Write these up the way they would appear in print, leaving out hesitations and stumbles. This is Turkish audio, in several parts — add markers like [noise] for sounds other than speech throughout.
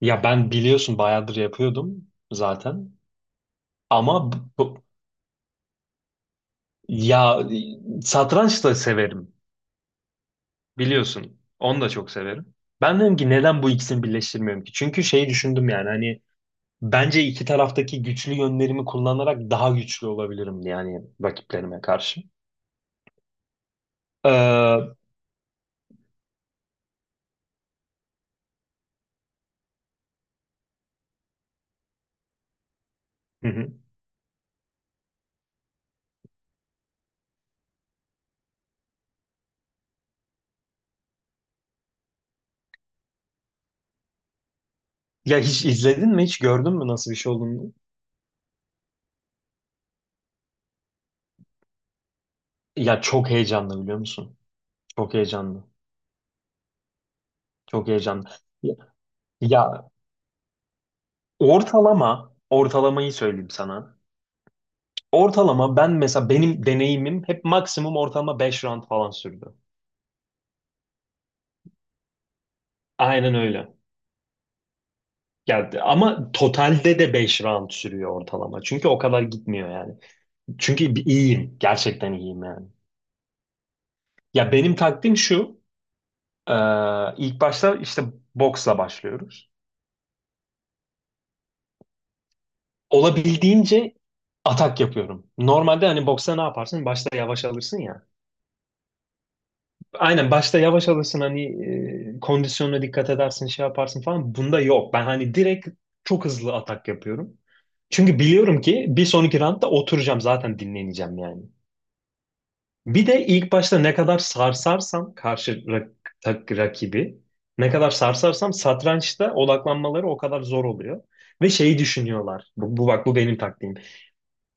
Ya ben biliyorsun bayağıdır yapıyordum zaten. Ama ya satranç da severim. Biliyorsun. Onu da çok severim. Ben dedim ki neden bu ikisini birleştirmiyorum ki? Çünkü şeyi düşündüm yani hani bence iki taraftaki güçlü yönlerimi kullanarak daha güçlü olabilirim yani rakiplerime karşı. Hı hı. Ya hiç izledin mi? Hiç gördün mü nasıl bir şey olduğunu? Ya çok heyecanlı biliyor musun? Çok heyecanlı. Çok heyecanlı. Ya, ya, ortalamayı söyleyeyim sana. Ortalama ben mesela benim deneyimim hep maksimum ortalama 5 round falan sürdü. Aynen öyle. Geldi. Ama totalde de 5 round sürüyor ortalama. Çünkü o kadar gitmiyor yani. Çünkü iyiyim. Gerçekten iyiyim yani. Ya benim taktiğim şu. e, ilk başta işte boksla başlıyoruz. Olabildiğince atak yapıyorum. Normalde hani boksta ne yaparsın? Başta yavaş alırsın ya. Aynen başta yavaş alırsın hani kondisyonuna dikkat edersin şey yaparsın falan. Bunda yok. Ben hani direkt çok hızlı atak yapıyorum. Çünkü biliyorum ki bir sonraki roundda oturacağım zaten dinleneceğim yani. Bir de ilk başta ne kadar sarsarsam karşı rakibi ne kadar sarsarsam satrançta odaklanmaları o kadar zor oluyor. Ve şeyi düşünüyorlar. Bu, bak bu benim taktiğim.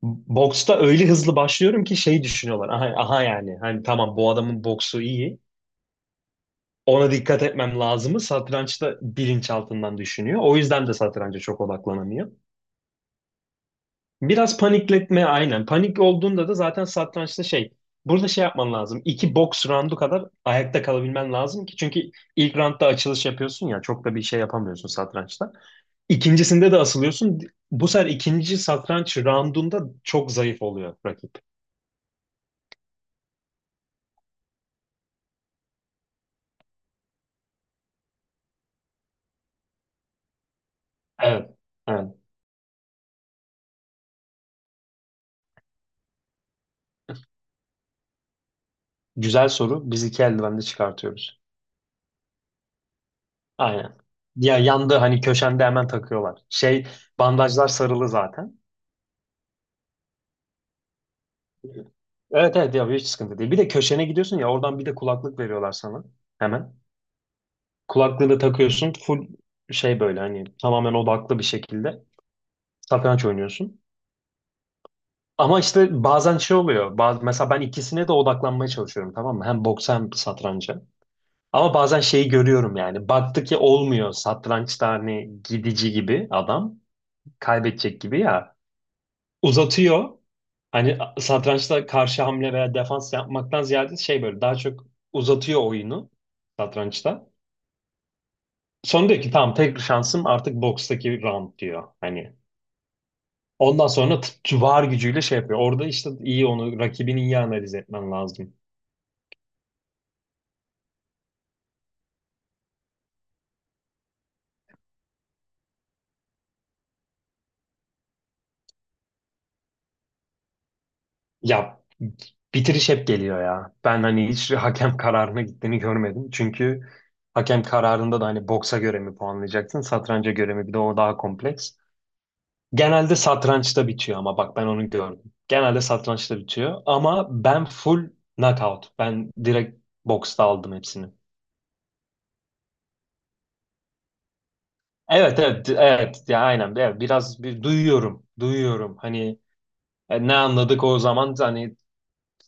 Boksta öyle hızlı başlıyorum ki şey düşünüyorlar. Aha, aha yani hani tamam bu adamın boksu iyi. Ona dikkat etmem lazımı satrançta bilinçaltından düşünüyor. O yüzden de satranca çok odaklanamıyor. Biraz panikletme aynen. Panik olduğunda da zaten satrançta şey burada şey yapman lazım. 2 box roundu kadar ayakta kalabilmen lazım ki çünkü ilk roundda açılış yapıyorsun ya çok da bir şey yapamıyorsun satrançta. İkincisinde de asılıyorsun. Bu sefer ikinci satranç roundunda çok zayıf oluyor rakip. Evet. Evet. Güzel soru. Biz iki eldivende çıkartıyoruz. Aynen. Ya yandı hani köşende hemen takıyorlar. Şey, bandajlar sarılı zaten. Evet, evet, ya hiç sıkıntı değil. Bir de köşene gidiyorsun ya oradan bir de kulaklık veriyorlar sana hemen. Kulaklığını takıyorsun full şey böyle hani tamamen odaklı bir şekilde satranç oynuyorsun. Ama işte bazen şey oluyor. Mesela ben ikisine de odaklanmaya çalışıyorum tamam mı? Hem boksa hem satranca. Ama bazen şeyi görüyorum yani. Baktı ki olmuyor satrançta hani gidici gibi adam. Kaybedecek gibi ya. Uzatıyor. Hani satrançta karşı hamle veya defans yapmaktan ziyade şey böyle daha çok uzatıyor oyunu satrançta. Sonra diyor ki tamam tek şansım artık bokstaki round diyor. Hani ondan sonra var gücüyle şey yapıyor. Orada işte iyi onu rakibini iyi analiz etmen lazım. Ya bitiriş hep geliyor ya. Ben hani hiç hakem kararına gittiğini görmedim. Çünkü hakem kararında da hani boksa göre mi puanlayacaksın, satranca göre mi? Bir de o daha kompleks. Genelde satrançta bitiyor ama bak ben onu gördüm. Genelde satrançta bitiyor ama ben full knockout. Ben direkt boksta aldım hepsini. Evet, evet, evet, ya aynen, evet, biraz bir duyuyorum hani ne anladık o zaman hani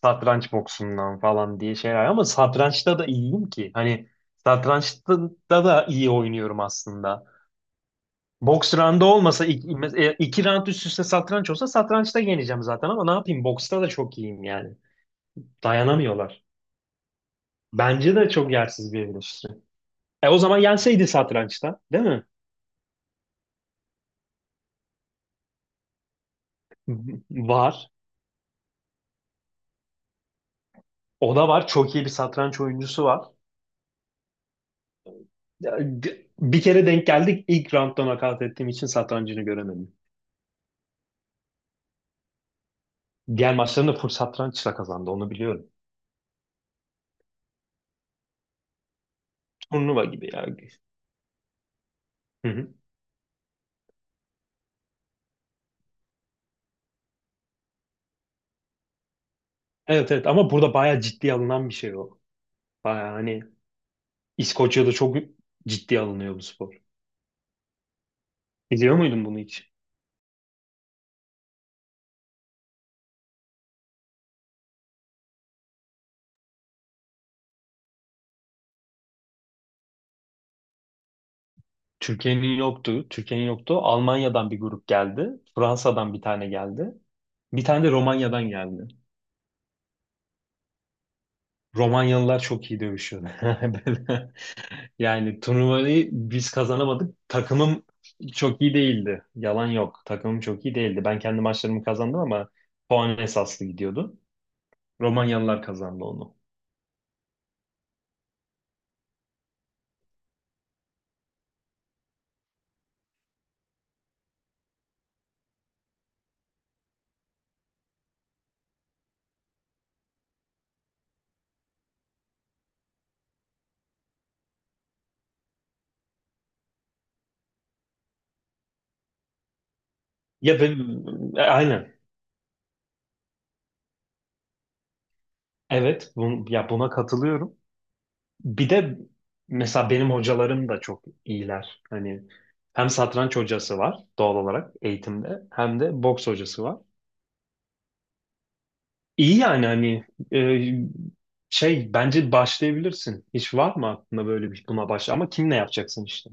satranç boksundan falan diye şeyler ama satrançta da iyiyim ki hani satrançta da iyi oynuyorum aslında. Boks roundu olmasa iki round üst üste satranç olsa satrançta yeneceğim zaten ama ne yapayım boksta da çok iyiyim yani. Dayanamıyorlar. Bence de çok yersiz bir eleştiri. E o zaman yenseydi satrançta, değil mi? Var. O da var. Çok iyi bir satranç oyuncusu var. Bir kere denk geldik. İlk roundda nakat ettiğim için satrancını göremedim. Diğer maçlarında full satrançla kazandı. Onu biliyorum. Turnuva gibi ya. Hı hı. Evet, evet, ama burada bayağı ciddiye alınan bir şey o. Bayağı hani İskoçya'da çok ciddiye alınıyor bu spor. Biliyor muydun bunu hiç? Türkiye'nin yoktu. Türkiye'nin yoktu. Almanya'dan bir grup geldi. Fransa'dan bir tane geldi. Bir tane de Romanya'dan geldi. Romanyalılar çok iyi dövüşüyor. [laughs] Böyle, yani turnuvayı biz kazanamadık. Takımım çok iyi değildi. Yalan yok. Takımım çok iyi değildi. Ben kendi maçlarımı kazandım ama puan esaslı gidiyordu. Romanyalılar kazandı onu. Ya ben, aynen. Evet, ya buna katılıyorum. Bir de mesela benim hocalarım da çok iyiler. Hani hem satranç hocası var doğal olarak eğitimde hem de boks hocası var. İyi yani hani e, şey bence başlayabilirsin. Hiç var mı aklında böyle bir buna başla ama kimle yapacaksın işte?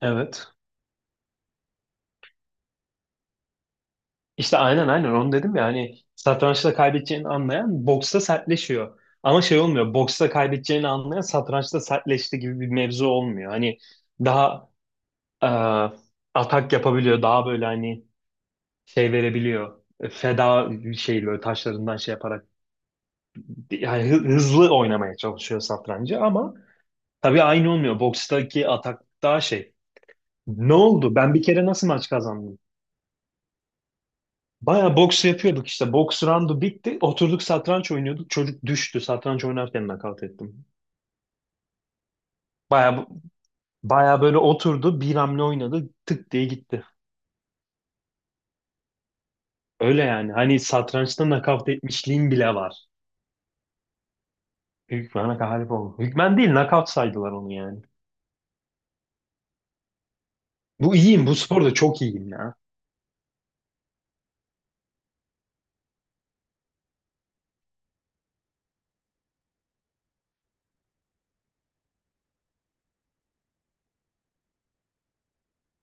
Evet. İşte aynen onu dedim ya hani satrançta kaybedeceğini anlayan boksta sertleşiyor. Ama şey olmuyor, boksta kaybedeceğini anlayan satrançta sertleşti gibi bir mevzu olmuyor. Hani daha e, atak yapabiliyor. Daha böyle hani şey verebiliyor. Feda şey böyle taşlarından şey yaparak yani hızlı oynamaya çalışıyor satrancı ama tabii aynı olmuyor. Bokstaki atak daha şey. Ne oldu? Ben bir kere nasıl maç kazandım? Baya boks yapıyorduk işte. Boks roundu bitti. Oturduk satranç oynuyorduk. Çocuk düştü. Satranç oynarken nakavt ettim. Baya baya böyle oturdu. Bir hamle oynadı. Tık diye gitti. Öyle yani. Hani satrançta nakavt etmişliğim bile var. Hükmen'e galip oldu. Hükmen değil, knockout saydılar onu yani. Bu iyiyim, bu sporda çok iyiyim ya.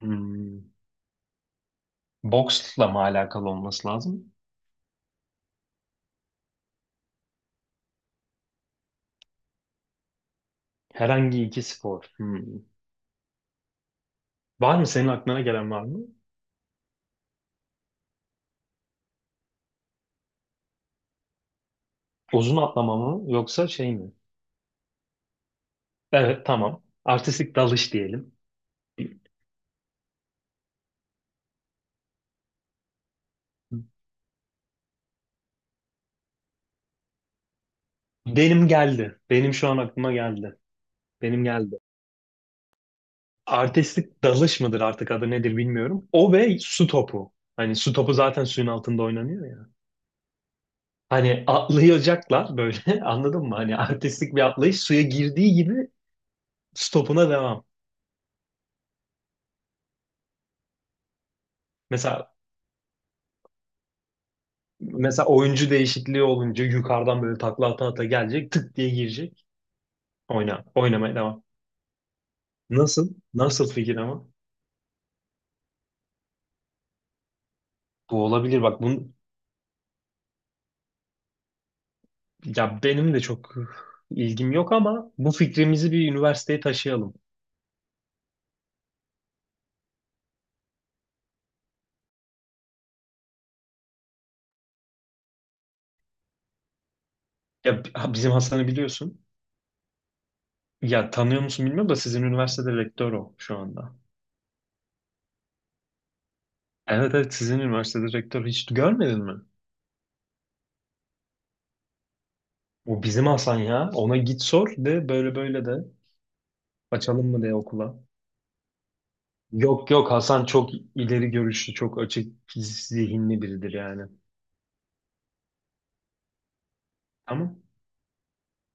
Hmm. Boksla mı alakalı olması lazım? Herhangi iki spor. Hmm. Var mı senin aklına gelen var mı? Uzun atlama mı yoksa şey mi? Evet, tamam. Artistik dalış diyelim. Benim geldi. Benim şu an aklıma geldi. Benim geldi. Artistik dalış mıdır artık adı nedir bilmiyorum. O ve su topu. Hani su topu zaten suyun altında oynanıyor ya. Hani atlayacaklar böyle [laughs] anladın mı? Hani artistik bir atlayış suya girdiği gibi stopuna devam. Mesela mesela oyuncu değişikliği olunca yukarıdan böyle takla ata ata gelecek tık diye girecek. Oyna, oynamaya devam. Nasıl? Nasıl fikir ama? Bu olabilir bak bunu ya benim de çok ilgim yok ama bu fikrimizi bir üniversiteye taşıyalım. Bizim Hasan'ı biliyorsun. Ya tanıyor musun bilmiyorum da sizin üniversitede rektör o şu anda. Evet, evet, sizin üniversitede rektör, hiç görmedin mi? O bizim Hasan ya. Ona git sor, de böyle böyle, de açalım mı de okula. Yok, yok, Hasan çok ileri görüşlü, çok açık zihinli biridir yani. Tamam.